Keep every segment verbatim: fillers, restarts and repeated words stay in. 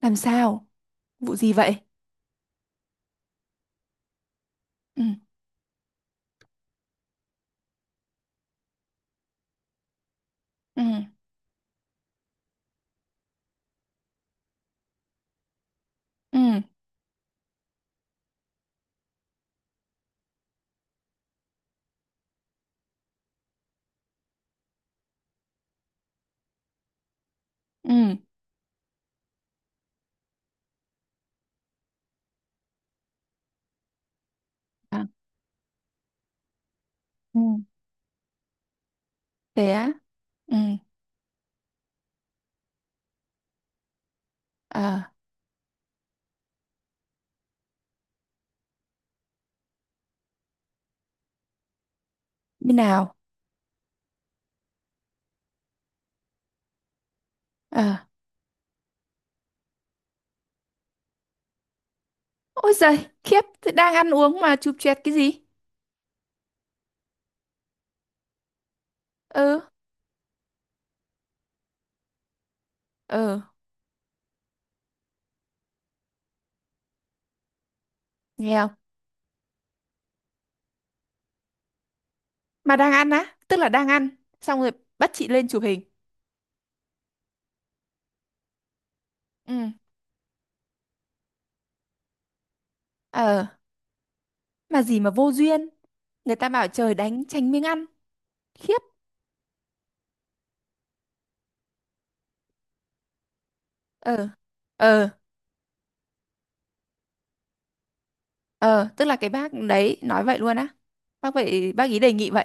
Làm sao? Vụ gì vậy? Ừ. Ừ. Ừ. Ừ. À, ừ. Thế á? Ừ. À, như nào? À, ôi giời, khiếp, thế đang ăn uống mà chụp choẹt cái gì? Ừ. Ừ, nghe không? Mà đang ăn á, tức là đang ăn, xong rồi bắt chị lên chụp hình. Ừ. Ờ, mà gì mà vô duyên. Người ta bảo trời đánh tránh miếng ăn. Khiếp. Ờ, ờ, ờ, tức là cái bác đấy nói vậy luôn á. Bác vậy, bác ý đề nghị vậy.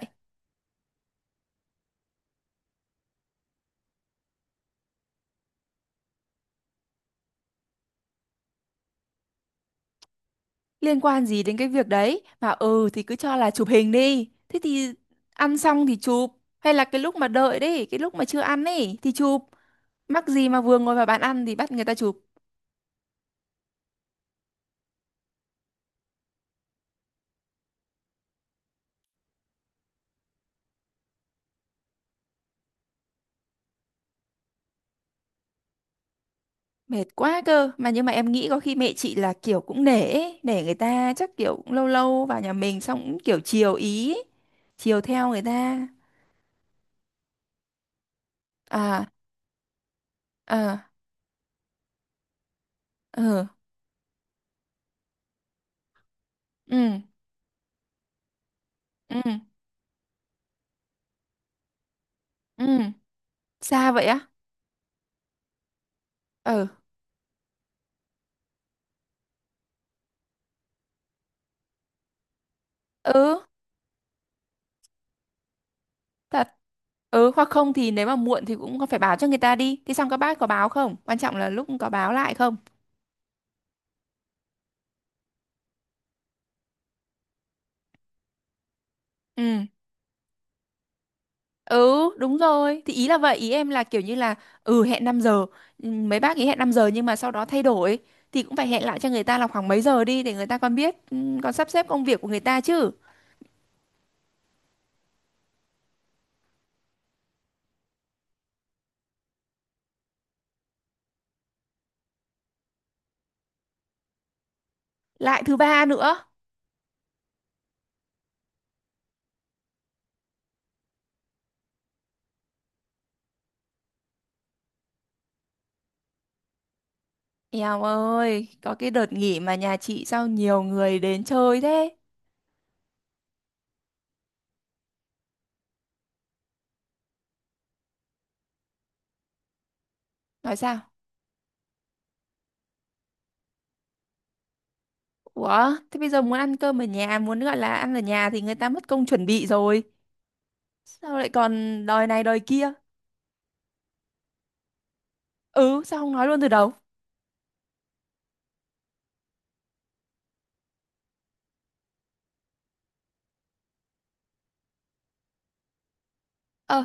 Liên quan gì đến cái việc đấy, mà ừ thì cứ cho là chụp hình đi, thế thì ăn xong thì chụp, hay là cái lúc mà đợi đấy, cái lúc mà chưa ăn ấy thì chụp. Mắc gì mà vừa ngồi vào bàn ăn thì bắt người ta chụp? Mệt quá cơ. Mà nhưng mà em nghĩ có khi mẹ chị là kiểu cũng nể ấy, nể người ta, chắc kiểu cũng lâu lâu vào nhà mình xong cũng kiểu chiều ý ấy, chiều theo người ta. À. À. Ừ. Ừ. Ừ. Ừ, xa vậy á? Ừ. Ừ. Thật. Ừ, hoặc không thì nếu mà muộn thì cũng phải báo cho người ta đi. Thì xong các bác có báo không? Quan trọng là lúc có báo lại không? Ừ. Ừ, đúng rồi. Thì ý là vậy, ý em là kiểu như là ừ, hẹn năm giờ. Ừ, mấy bác ý hẹn năm giờ nhưng mà sau đó thay đổi thì cũng phải hẹn lại cho người ta là khoảng mấy giờ đi để người ta còn biết, ừ, còn sắp xếp công việc của người ta chứ. Lại thứ ba nữa. Eo ơi, có cái đợt nghỉ mà nhà chị sao nhiều người đến chơi thế? Nói sao? Ủa, thế bây giờ muốn ăn cơm ở nhà, muốn gọi là ăn ở nhà thì người ta mất công chuẩn bị rồi. Sao lại còn đòi này đòi kia? Ừ, sao không nói luôn từ đầu? Ờ,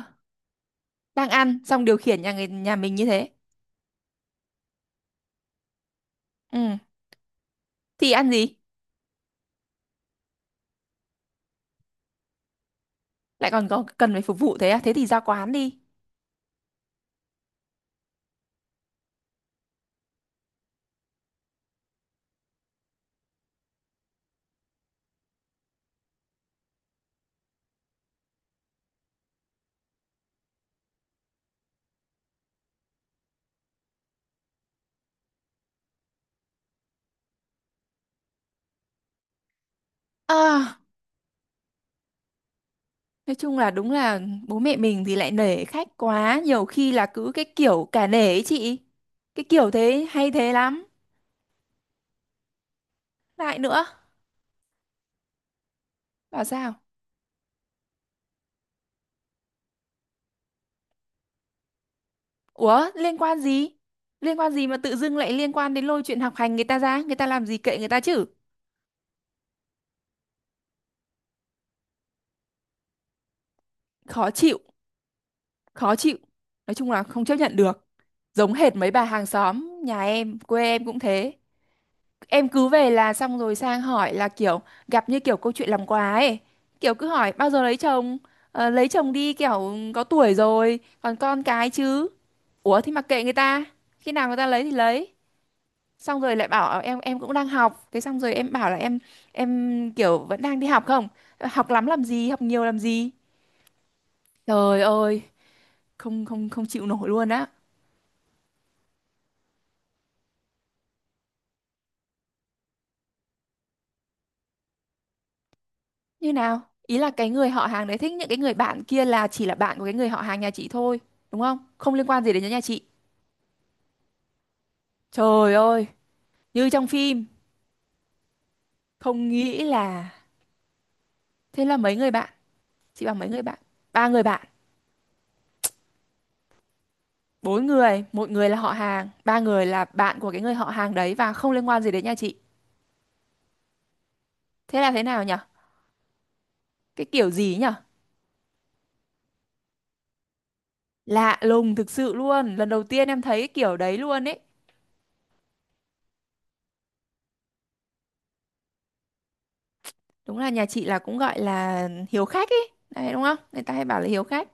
đang ăn, xong điều khiển nhà người nhà mình như thế. Ừ, thì ăn gì? Lại còn có cần phải phục vụ thế à? Thế thì ra quán đi. À, nói chung là đúng là bố mẹ mình thì lại nể khách quá, nhiều khi là cứ cái kiểu cả nể ấy chị. Cái kiểu thế hay thế lắm. Lại nữa, bảo sao? Ủa liên quan gì? Liên quan gì mà tự dưng lại liên quan đến lôi chuyện học hành người ta ra? Người ta làm gì kệ người ta chứ? Khó chịu, khó chịu. Nói chung là không chấp nhận được. Giống hệt mấy bà hàng xóm, nhà em, quê em cũng thế. Em cứ về là xong rồi sang hỏi là kiểu gặp như kiểu câu chuyện làm quà ấy. Kiểu cứ hỏi bao giờ lấy chồng? Ờ, lấy chồng đi kiểu có tuổi rồi, còn con cái chứ. Ủa thì mặc kệ người ta. Khi nào người ta lấy thì lấy. Xong rồi lại bảo "Ờ, em em cũng đang học," thế xong rồi em bảo là em em kiểu vẫn đang đi học. Không, học lắm làm gì, học nhiều làm gì? Trời ơi, không không không chịu nổi luôn á. Như nào? Ý là cái người họ hàng đấy thích những cái người bạn kia, là chỉ là bạn của cái người họ hàng nhà chị thôi, đúng không, không liên quan gì đến nhà chị. Trời ơi, như trong phim. Không nghĩ là, thế là mấy người bạn, chị bảo mấy người bạn, ba người bạn, bốn người, một người là họ hàng, ba người là bạn của cái người họ hàng đấy và không liên quan gì đến nhà chị. Thế là thế nào nhỉ? Cái kiểu gì nhở? Lạ lùng thực sự luôn, lần đầu tiên em thấy cái kiểu đấy luôn ấy. Đúng là nhà chị là cũng gọi là hiếu khách ấy đấy, đúng không, người ta hay bảo là hiếu khách,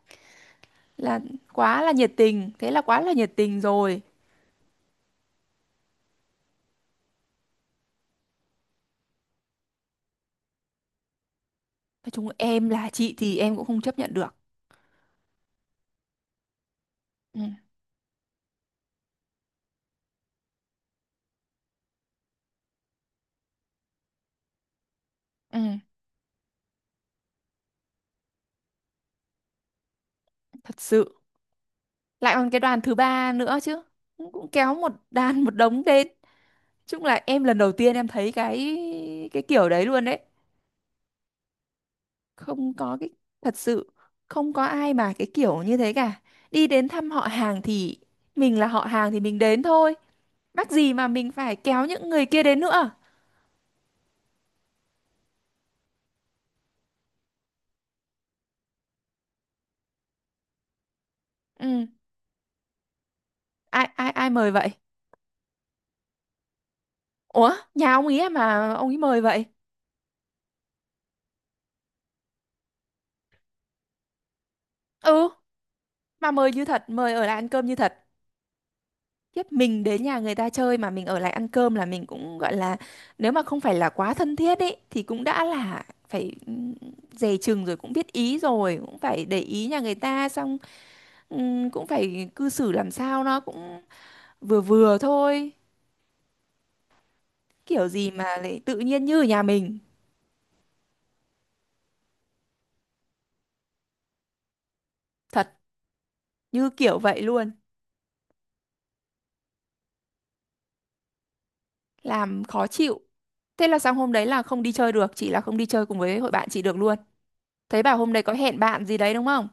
là quá là nhiệt tình, thế là quá là nhiệt tình rồi. Nói chung em là chị thì em cũng không chấp nhận được. Ừ, ừ, thật sự. Lại còn cái đoàn thứ ba nữa chứ, cũng cũng kéo một đàn một đống đến. Chung là em lần đầu tiên em thấy cái cái kiểu đấy luôn đấy. Không có cái, thật sự không có ai mà cái kiểu như thế cả. Đi đến thăm họ hàng thì mình là họ hàng thì mình đến thôi, mắc gì mà mình phải kéo những người kia đến nữa. Ừ, ai ai ai mời vậy? Ủa nhà ông ý à mà ông ấy mời vậy? Ừ, mà mời như thật, mời ở lại ăn cơm như thật. Tiếp mình đến nhà người ta chơi mà mình ở lại ăn cơm là mình cũng gọi là, nếu mà không phải là quá thân thiết ấy thì cũng đã là phải, ừ, dè chừng rồi, cũng biết ý rồi, cũng phải để ý nhà người ta, xong ừm, cũng phải cư xử làm sao nó cũng vừa vừa thôi. Kiểu gì mà lại tự nhiên như ở nhà mình? Thật, như kiểu vậy luôn. Làm khó chịu. Thế là sang hôm đấy là không đi chơi được, chị là không đi chơi cùng với hội bạn chị được luôn. Thấy bảo hôm đấy có hẹn bạn gì đấy đúng không?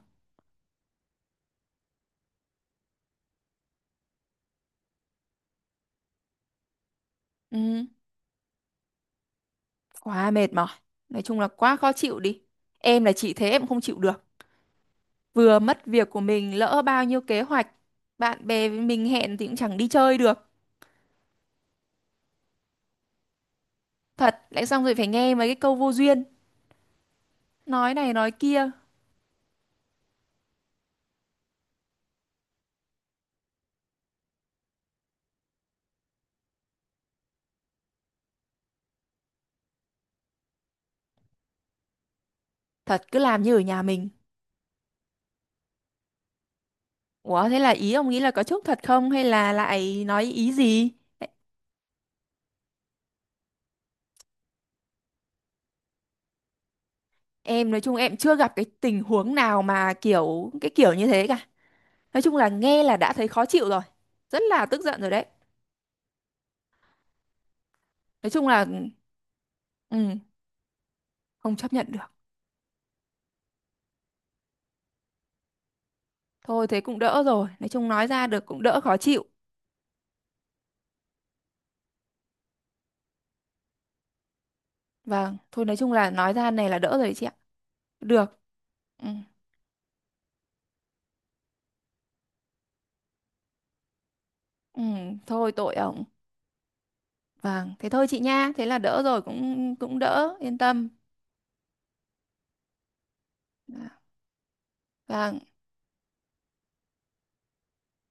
Ừ, quá mệt mỏi. Nói chung là quá khó chịu đi. Em là chị thế em không chịu được, vừa mất việc của mình, lỡ bao nhiêu kế hoạch, bạn bè với mình hẹn thì cũng chẳng đi chơi được. Thật, lại xong rồi phải nghe mấy cái câu vô duyên, nói này nói kia. Thật cứ làm như ở nhà mình. Ủa thế là ý ông nghĩ là có chúc thật không hay là lại nói ý gì? Em nói chung em chưa gặp cái tình huống nào mà kiểu cái kiểu như thế cả. Nói chung là nghe là đã thấy khó chịu rồi. Rất là tức giận rồi đấy. Nói chung là, ừ, không chấp nhận được. Thôi thế cũng đỡ rồi. Nói chung nói ra được cũng đỡ khó chịu. Vâng, thôi nói chung là nói ra này là đỡ rồi chị ạ. Được. Ừ, ừ, thôi tội ổng. Vâng, thế thôi chị nha. Thế là đỡ rồi cũng cũng đỡ, yên tâm. Vâng.